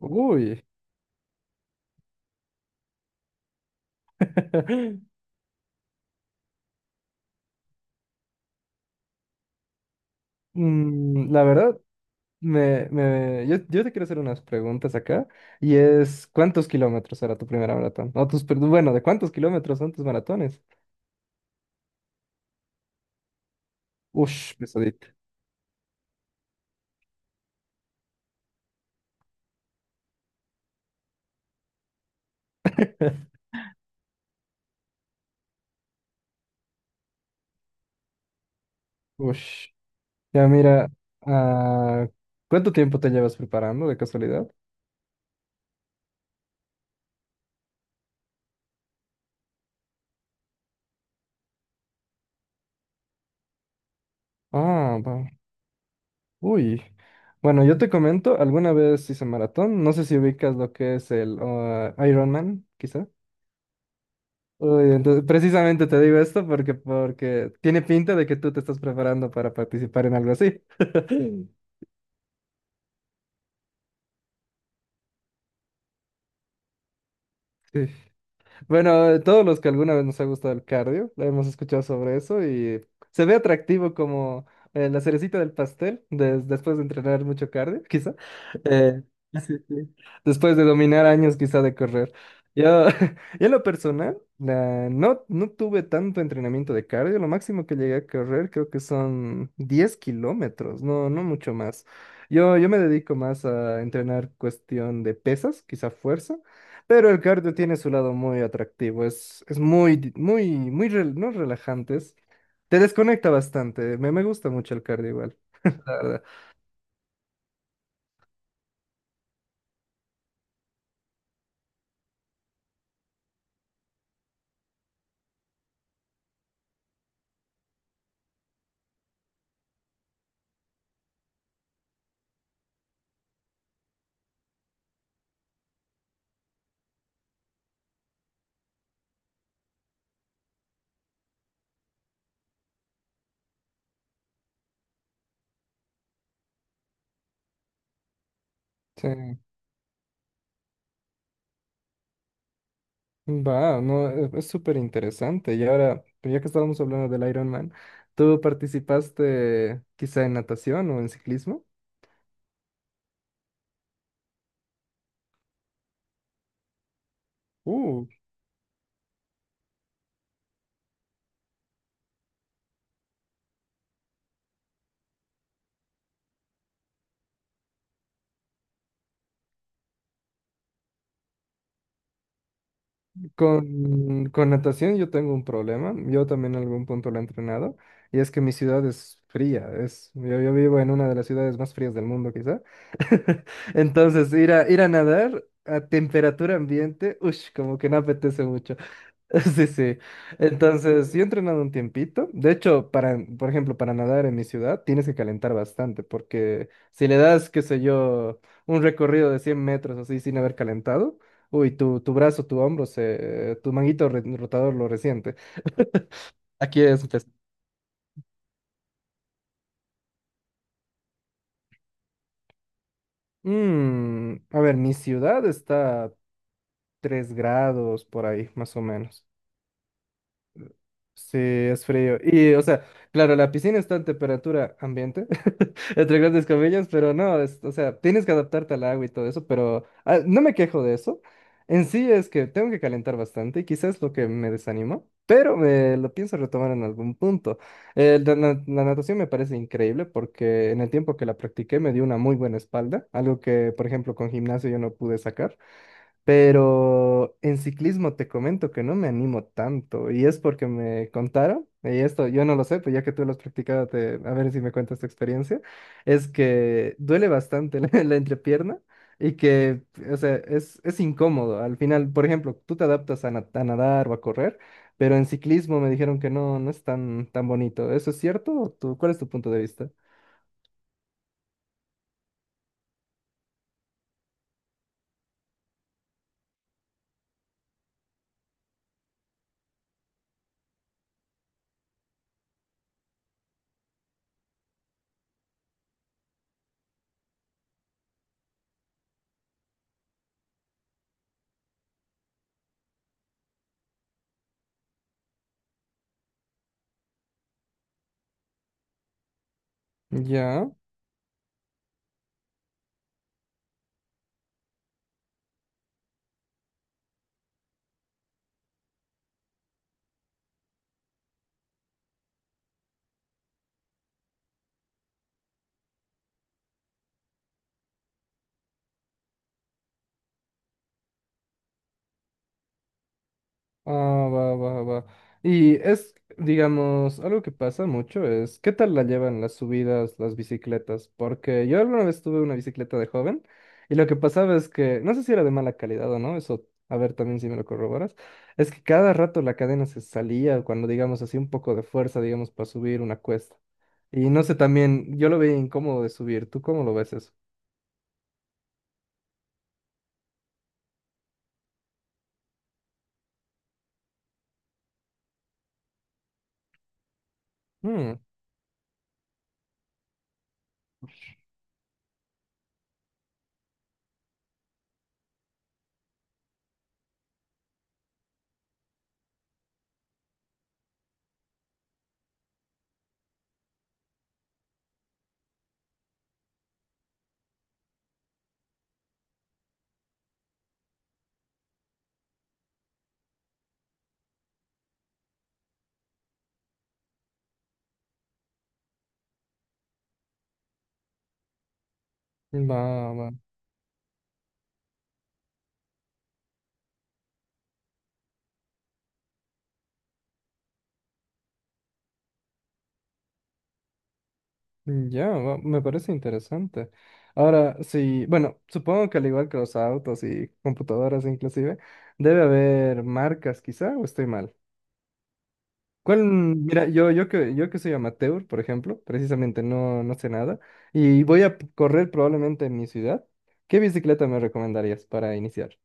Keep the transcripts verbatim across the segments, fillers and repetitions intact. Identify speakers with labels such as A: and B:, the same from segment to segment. A: Uy. Mm, la verdad, me, me- yo, yo te quiero hacer unas preguntas acá. Y es, ¿cuántos kilómetros era tu primera maratón? O tus, perdón, bueno, ¿de cuántos kilómetros son tus maratones? Ush, pesadito. Ush. Ya mira, ah, ¿cuánto tiempo te llevas preparando de casualidad? Ah, va. Uy. Bueno, yo te comento, alguna vez hice maratón. No sé si ubicas lo que es el Ironman, Ironman, quizá. Uy, entonces, precisamente te digo esto porque, porque tiene pinta de que tú te estás preparando para participar en algo así. Sí. Bueno, todos los que alguna vez nos ha gustado el cardio, lo hemos escuchado sobre eso y se ve atractivo como eh, la cerecita del pastel des- después de entrenar mucho cardio, quizá. Eh, sí, sí. Después de dominar años quizá de correr. Yo, yo en lo personal, la- no, no tuve tanto entrenamiento de cardio. Lo máximo que llegué a correr creo que son diez kilómetros, no, no mucho más. Yo, yo me dedico más a entrenar cuestión de pesas, quizá fuerza. Pero el cardio tiene su lado muy atractivo, es, es muy, muy, muy, rel- no relajantes. Te desconecta bastante, me, me gusta mucho el cardio igual, la verdad. Sí, va, no, e- es súper interesante. Y ahora, ya que estábamos hablando del Ironman, ¿tú participaste quizá en natación o en ciclismo? Uh, Con, con natación yo tengo un problema, yo también en algún punto lo he entrenado, y es que mi ciudad es fría, es, yo, yo vivo en una de las ciudades más frías del mundo quizá, entonces ir a, ir a nadar a temperatura ambiente, uff, como que no apetece mucho. Sí, sí. Entonces, yo he entrenado un tiempito. De hecho, para, por ejemplo, para nadar en mi ciudad tienes que calentar bastante, porque si le das, qué sé yo, un recorrido de cien metros así sin haber calentado, uy, tu, tu brazo, tu hombro, se, tu manguito re- rotador lo resiente. Aquí es... pues, mm, a ver, mi ciudad está a tres grados por ahí, más o menos. Sí, es frío. Y, o sea, claro, la piscina está en temperatura ambiente, entre grandes comillas, pero no, es- o sea, tienes que adaptarte al agua y todo eso, pero ah, no me quejo de eso. En sí es que tengo que calentar bastante y quizás es lo que me desanimó, pero me lo pienso retomar en algún punto. Eh, la, na- la natación me parece increíble porque en el tiempo que la practiqué me dio una muy buena espalda, algo que, por ejemplo, con gimnasio yo no pude sacar. Pero en ciclismo te comento que no me animo tanto y es porque me contaron, y esto yo no lo sé, pues ya que tú lo has practicado, te- a ver si me cuentas tu experiencia, es que duele bastante la, la entrepierna y que, o sea, es, es incómodo. Al final, por ejemplo, tú te adaptas a, na- a nadar o a correr, pero en ciclismo me dijeron que no, no es tan, tan bonito. ¿Eso es cierto? ¿O tú- cuál es tu punto de vista? Ya. Ah, va, va, va. Y es, digamos, algo que pasa mucho es, ¿qué tal la llevan las subidas, las bicicletas? Porque yo alguna vez tuve una bicicleta de joven y lo que pasaba es que, no sé si era de mala calidad o no, eso, a ver también si me lo corroboras, es que cada rato la cadena se salía cuando, digamos, hacía un poco de fuerza, digamos, para subir una cuesta. Y no sé, también, yo lo veía incómodo de subir, ¿tú cómo lo ves eso? Mm, va, va. Mm, Ya, va- me parece interesante. Ahora, sí, bueno, supongo que al igual que los autos y computadoras inclusive, debe haber marcas quizá, o estoy mal. ¿Cuál? Mira, yo, yo que, yo que soy amateur, por ejemplo, precisamente no, no sé nada, y voy a p- correr probablemente en mi ciudad, ¿qué bicicleta me recomendarías para iniciar?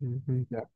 A: Ujú. Ya.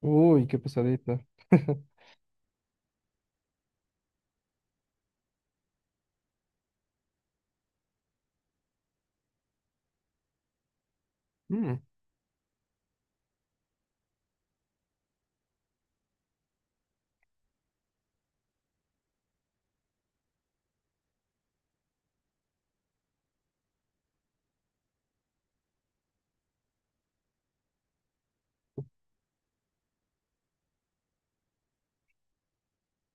A: Uy, qué pesadita. Mm.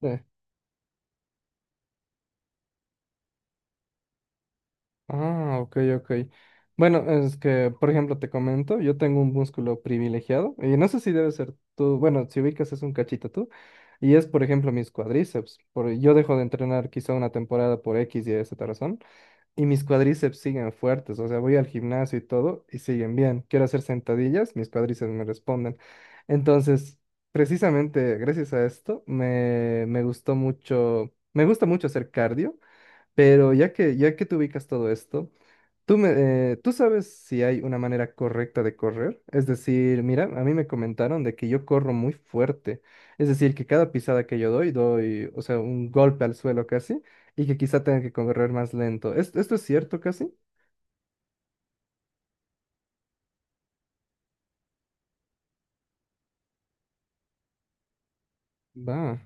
A: Sí. Ah, ok, ok. Bueno, es que, por ejemplo, te comento, yo tengo un músculo privilegiado, y no sé si debe ser tú, bueno, si ubicas es un cachito tú, y es, por ejemplo, mis cuádriceps. Por, yo dejo de entrenar quizá una temporada por X y esa razón, y mis cuádriceps siguen fuertes, o sea, voy al gimnasio y todo, y siguen bien. Quiero hacer sentadillas, mis cuádriceps me responden. Entonces, precisamente gracias a esto, me, me gustó mucho, me gusta mucho hacer cardio. Pero ya que, ya que tú ubicas todo esto, Tú, me, eh, ¿tú sabes si hay una manera correcta de correr? Es decir, mira, a mí me comentaron de que yo corro muy fuerte. Es decir, que cada pisada que yo doy, doy, o sea, un golpe al suelo casi, y que quizá tenga que correr más lento. ¿Es- ¿Esto es cierto casi? Va.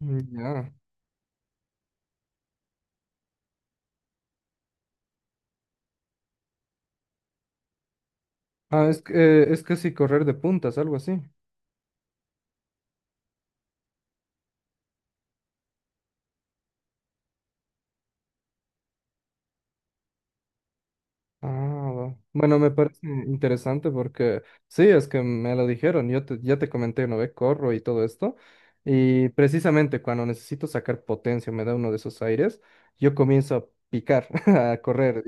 A: mm, Ya. Ah, es, que, eh, es casi correr de puntas, algo así. Ah, va. Bueno, me parece interesante porque sí, es que me lo dijeron, yo te- ya te comenté una vez, corro y todo esto, y precisamente cuando necesito sacar potencia, me da uno de esos aires, yo comienzo a picar, a correr,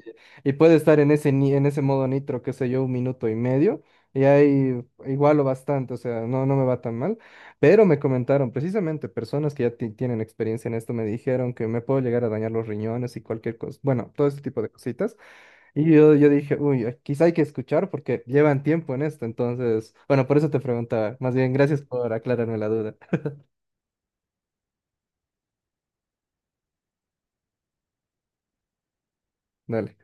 A: y, y puede estar en ese, ni- en ese modo nitro, qué sé yo, un minuto y medio, y ahí igualo bastante, o sea, no, no me va tan mal, pero me comentaron, precisamente personas que ya ti- tienen experiencia en esto, me dijeron que me puedo llegar a dañar los riñones y cualquier cosa, bueno, todo ese tipo de cositas. Y yo, yo dije, uy, eh, quizá hay que escuchar porque llevan tiempo en esto, entonces, bueno, por eso te preguntaba. Más bien, gracias por aclararme la duda. Dale.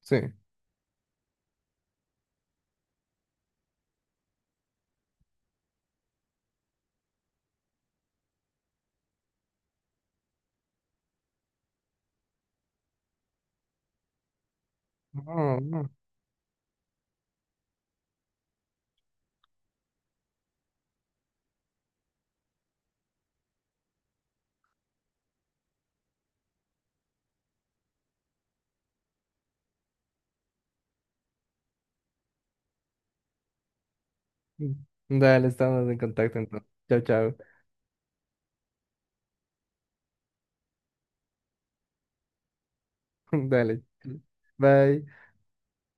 A: Sí. No, no. Dale, estamos en contacto entonces. Chao, chao. Dale. Bye.